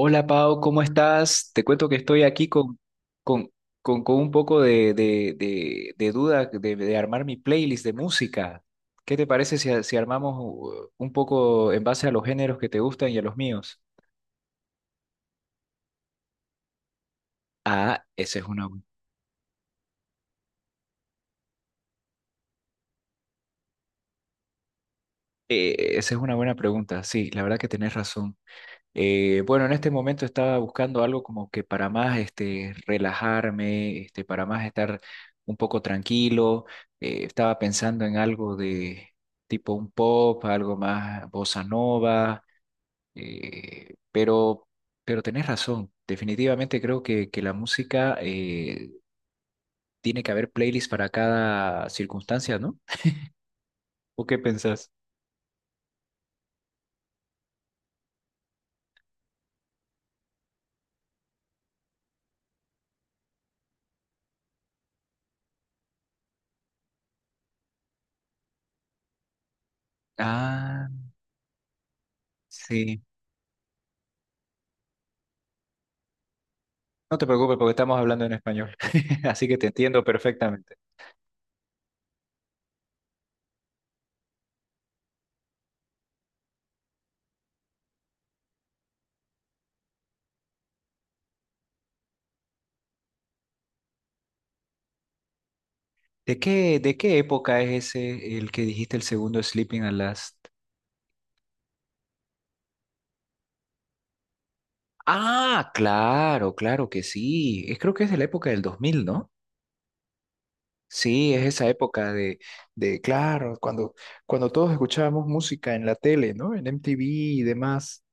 Hola Pau, ¿cómo estás? Te cuento que estoy aquí con, con un poco de duda de armar mi playlist de música. ¿Qué te parece si armamos un poco en base a los géneros que te gustan y a los míos? Ah, esa es esa es una buena pregunta. Sí, la verdad que tenés razón. Bueno, en este momento estaba buscando algo como que para más este, relajarme, este, para más estar un poco tranquilo. Estaba pensando en algo de tipo un pop, algo más bossa nova, eh, pero, pero tenés razón. Definitivamente creo que la música tiene que haber playlists para cada circunstancia, ¿no? ¿O qué pensás? Ah, sí. No te preocupes porque estamos hablando en español, así que te entiendo perfectamente. ¿De qué época es ese el que dijiste el segundo Sleeping at Last? Ah, claro, claro que sí. Es- creo que es de la época del dos mil, ¿no? Sí, es esa época de claro, cuando, cuando todos escuchábamos música en la tele, ¿no? En MTV y demás.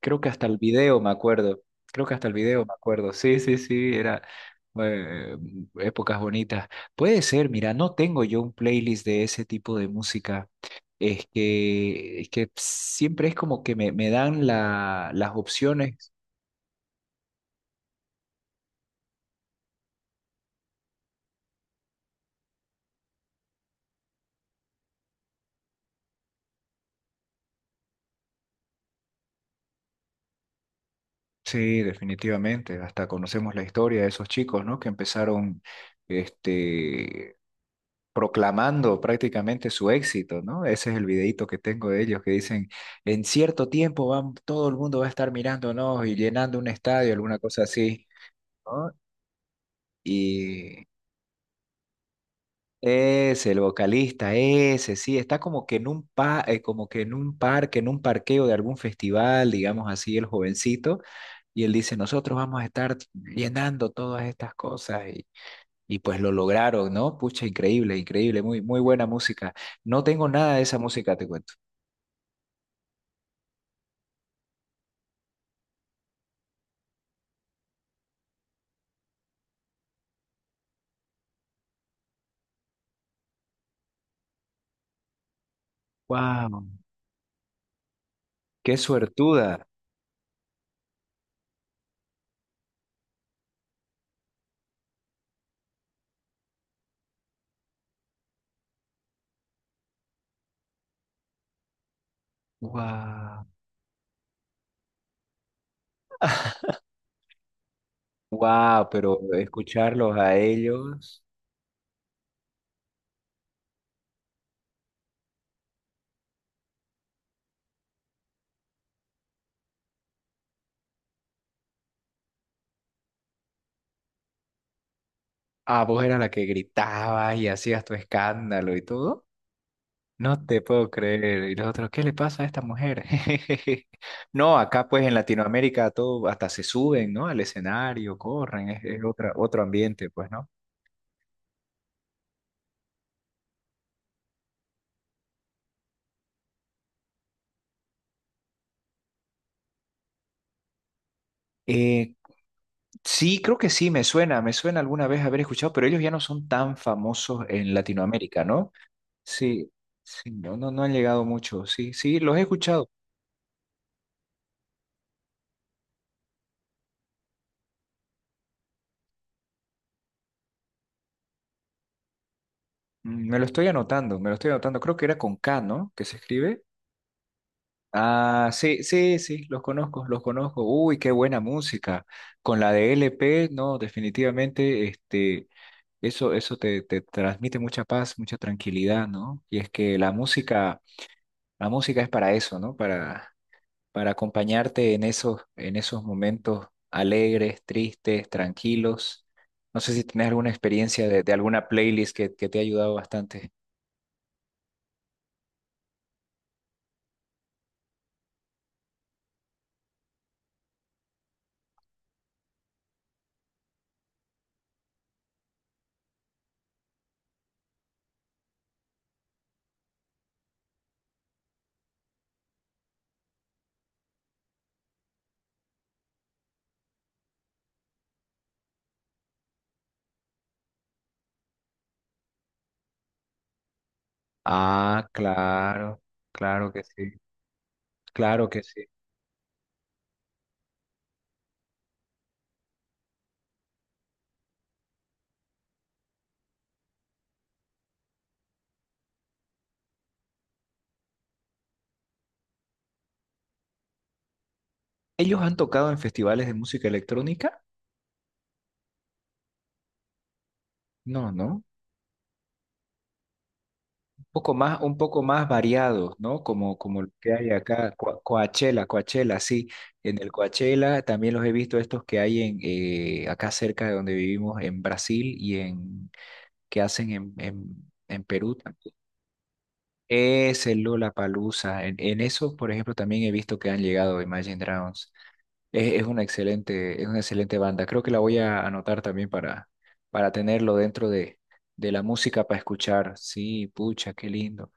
Creo que hasta el video me acuerdo. Creo que hasta el video me acuerdo. Sí, sí, sí, era eh, épocas bonitas. Puede ser, mira, no tengo yo un playlist de ese tipo de música. Es que siempre es como que me dan las opciones. Sí, definitivamente. Hasta conocemos la historia de esos chicos, ¿no? Que empezaron este, proclamando prácticamente su éxito, ¿no? Ese es el videíto que tengo de ellos que dicen, en cierto tiempo van, todo el mundo va a estar mirándonos y llenando un estadio, alguna cosa así, ¿no? Y es el vocalista, ese, sí, está como que en un como que en un parque, en un parqueo de algún festival, digamos así, el jovencito. Y él dice, nosotros vamos a estar llenando todas estas cosas. Y pues lo lograron, ¿no? Pucha, increíble, increíble, muy, muy buena música. No tengo nada de esa música, te cuento. Wow. Qué suertuda. Wow. Wow, pero escucharlos a ellos. Ah, vos eras la que gritabas y hacías tu escándalo y todo. No te puedo creer. Y los otros, ¿qué le pasa a esta mujer? No, acá pues en Latinoamérica todo hasta se suben, ¿no? Al escenario, corren, es otra, otro ambiente, pues, ¿no? Eh, Sí, creo que sí, me suena alguna vez haber escuchado, pero ellos ya no son tan famosos en Latinoamérica, ¿no? Sí, sí, no, no, no han llegado mucho, sí, sí, los he escuchado. Mm, me lo estoy anotando, me lo estoy anotando, creo que era con K, ¿no? Que se escribe. Ah, sí, sí, sí, los conozco, los conozco. Uy, qué buena música. Con la de L P, no, definitivamente, este, eso te, te transmite mucha paz, mucha tranquilidad, ¿no? Y es que la música es para eso, ¿no? Para acompañarte en esos momentos alegres, tristes, tranquilos. No sé si tenés alguna experiencia de alguna playlist que te ha ayudado bastante. Ah, claro, claro que sí, claro que sí. ¿Ellos han tocado en festivales de música electrónica? No, no. Un poco más variados, ¿no? Como, como lo que hay acá, Coachella, Coachella, sí. En el Coachella también los he visto estos que hay en acá cerca de donde vivimos, en Brasil y en que hacen en Perú también. Es el Lollapalooza. En eso, por ejemplo, también he visto que han llegado Imagine Dragons. Es una excelente banda. Creo que la voy a anotar también para tenerlo dentro de la música para escuchar. Sí, pucha, qué lindo.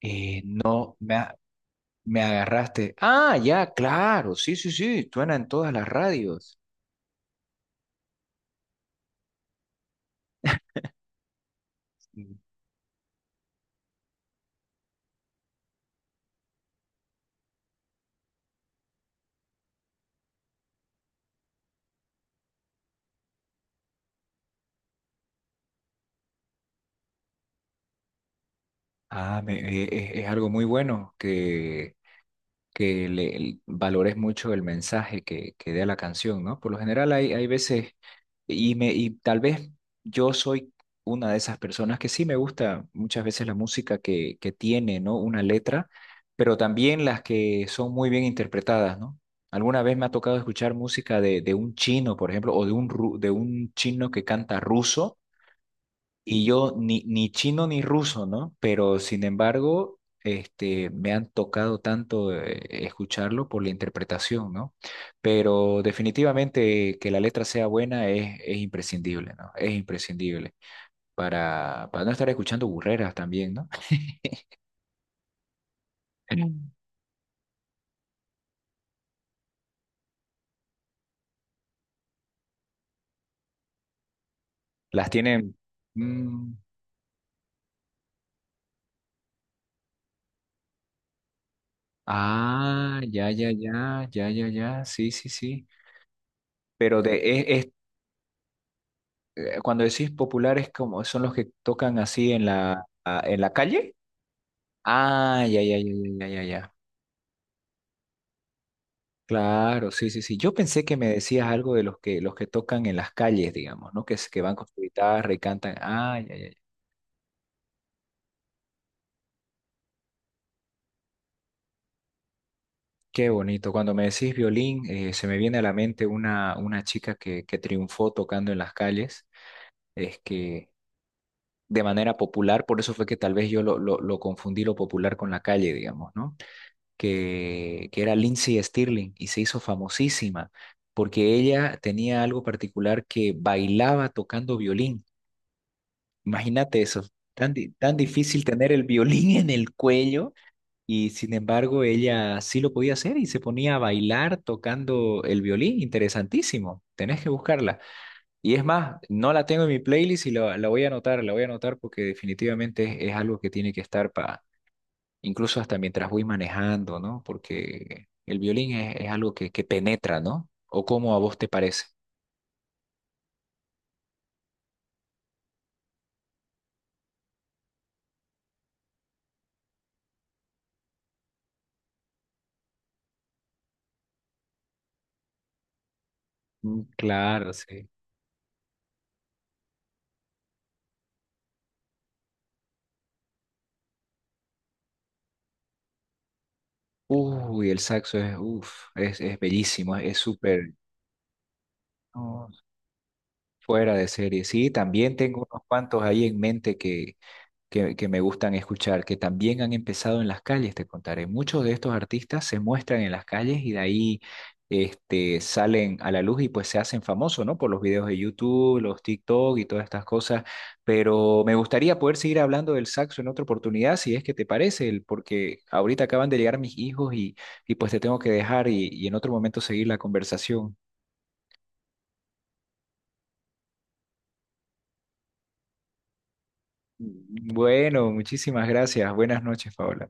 No, me, a- Me agarraste. Ah, ya, claro. Sí, sí, sí. Suena en todas las radios. Mm. Ah, es algo muy bueno valores mucho el mensaje que dé la canción, ¿no? Por lo general hay, hay veces, y tal vez yo soy una de esas personas que sí me gusta muchas veces la música que tiene, ¿no? Una letra, pero también las que son muy bien interpretadas, ¿no? Alguna vez me ha tocado escuchar música de un chino, por ejemplo, o de de un chino que canta ruso y yo ni, ni chino ni ruso, ¿no? Pero sin embargo, este, me han tocado tanto escucharlo por la interpretación, ¿no? Pero definitivamente que la letra sea buena es imprescindible, ¿no? Es imprescindible para no estar escuchando burreras también, ¿no? Mm. Las tienen... mm, ah, ya, ya, ya, ya, ya, ya, sí, sí, sí. Pero es, es- cuando decís populares, ¿como son los que tocan así en en la calle? Ah, ya, ya, ya, ya, ya, ya, ya. Claro, sí, sí, sí. Yo pensé que me decías algo de los que tocan en las calles, digamos, ¿no? Que van con su guitarra y cantan. Ah, ya, ya, ya. Qué bonito. Cuando me decís violín, se me viene a la mente una chica que triunfó tocando en las calles, es que de manera popular, por eso fue que tal vez yo lo lo confundí lo popular con la calle, digamos, ¿no? Que era Lindsay Stirling y se hizo famosísima porque ella tenía algo particular que bailaba tocando violín. Imagínate eso, tan difícil tener el violín en el cuello y sin embargo ella sí lo podía hacer y se ponía a bailar tocando el violín. Interesantísimo, tenés que buscarla. Y es más, no la tengo en mi playlist y la voy a anotar, la voy a anotar porque definitivamente es algo que tiene que estar incluso hasta mientras voy manejando, ¿no? Porque el violín es algo que penetra, ¿no? ¿O cómo a vos te parece? Mm, claro, sí. Uy, el saxo es, uf, es bellísimo, es súper no, fuera de serie. Sí, también tengo unos cuantos ahí en mente que me gustan escuchar, que también han empezado en las calles, te contaré. Muchos de estos artistas se muestran en las calles y de ahí este, salen a la luz y pues se hacen famosos, ¿no? Por los videos de YouTube, los TikTok y todas estas cosas. Pero me gustaría poder seguir hablando del saxo en otra oportunidad, si es que te parece, el- porque ahorita acaban de llegar mis hijos y pues te tengo que dejar y en otro momento seguir la conversación. Bueno, muchísimas gracias. Buenas noches, Paola.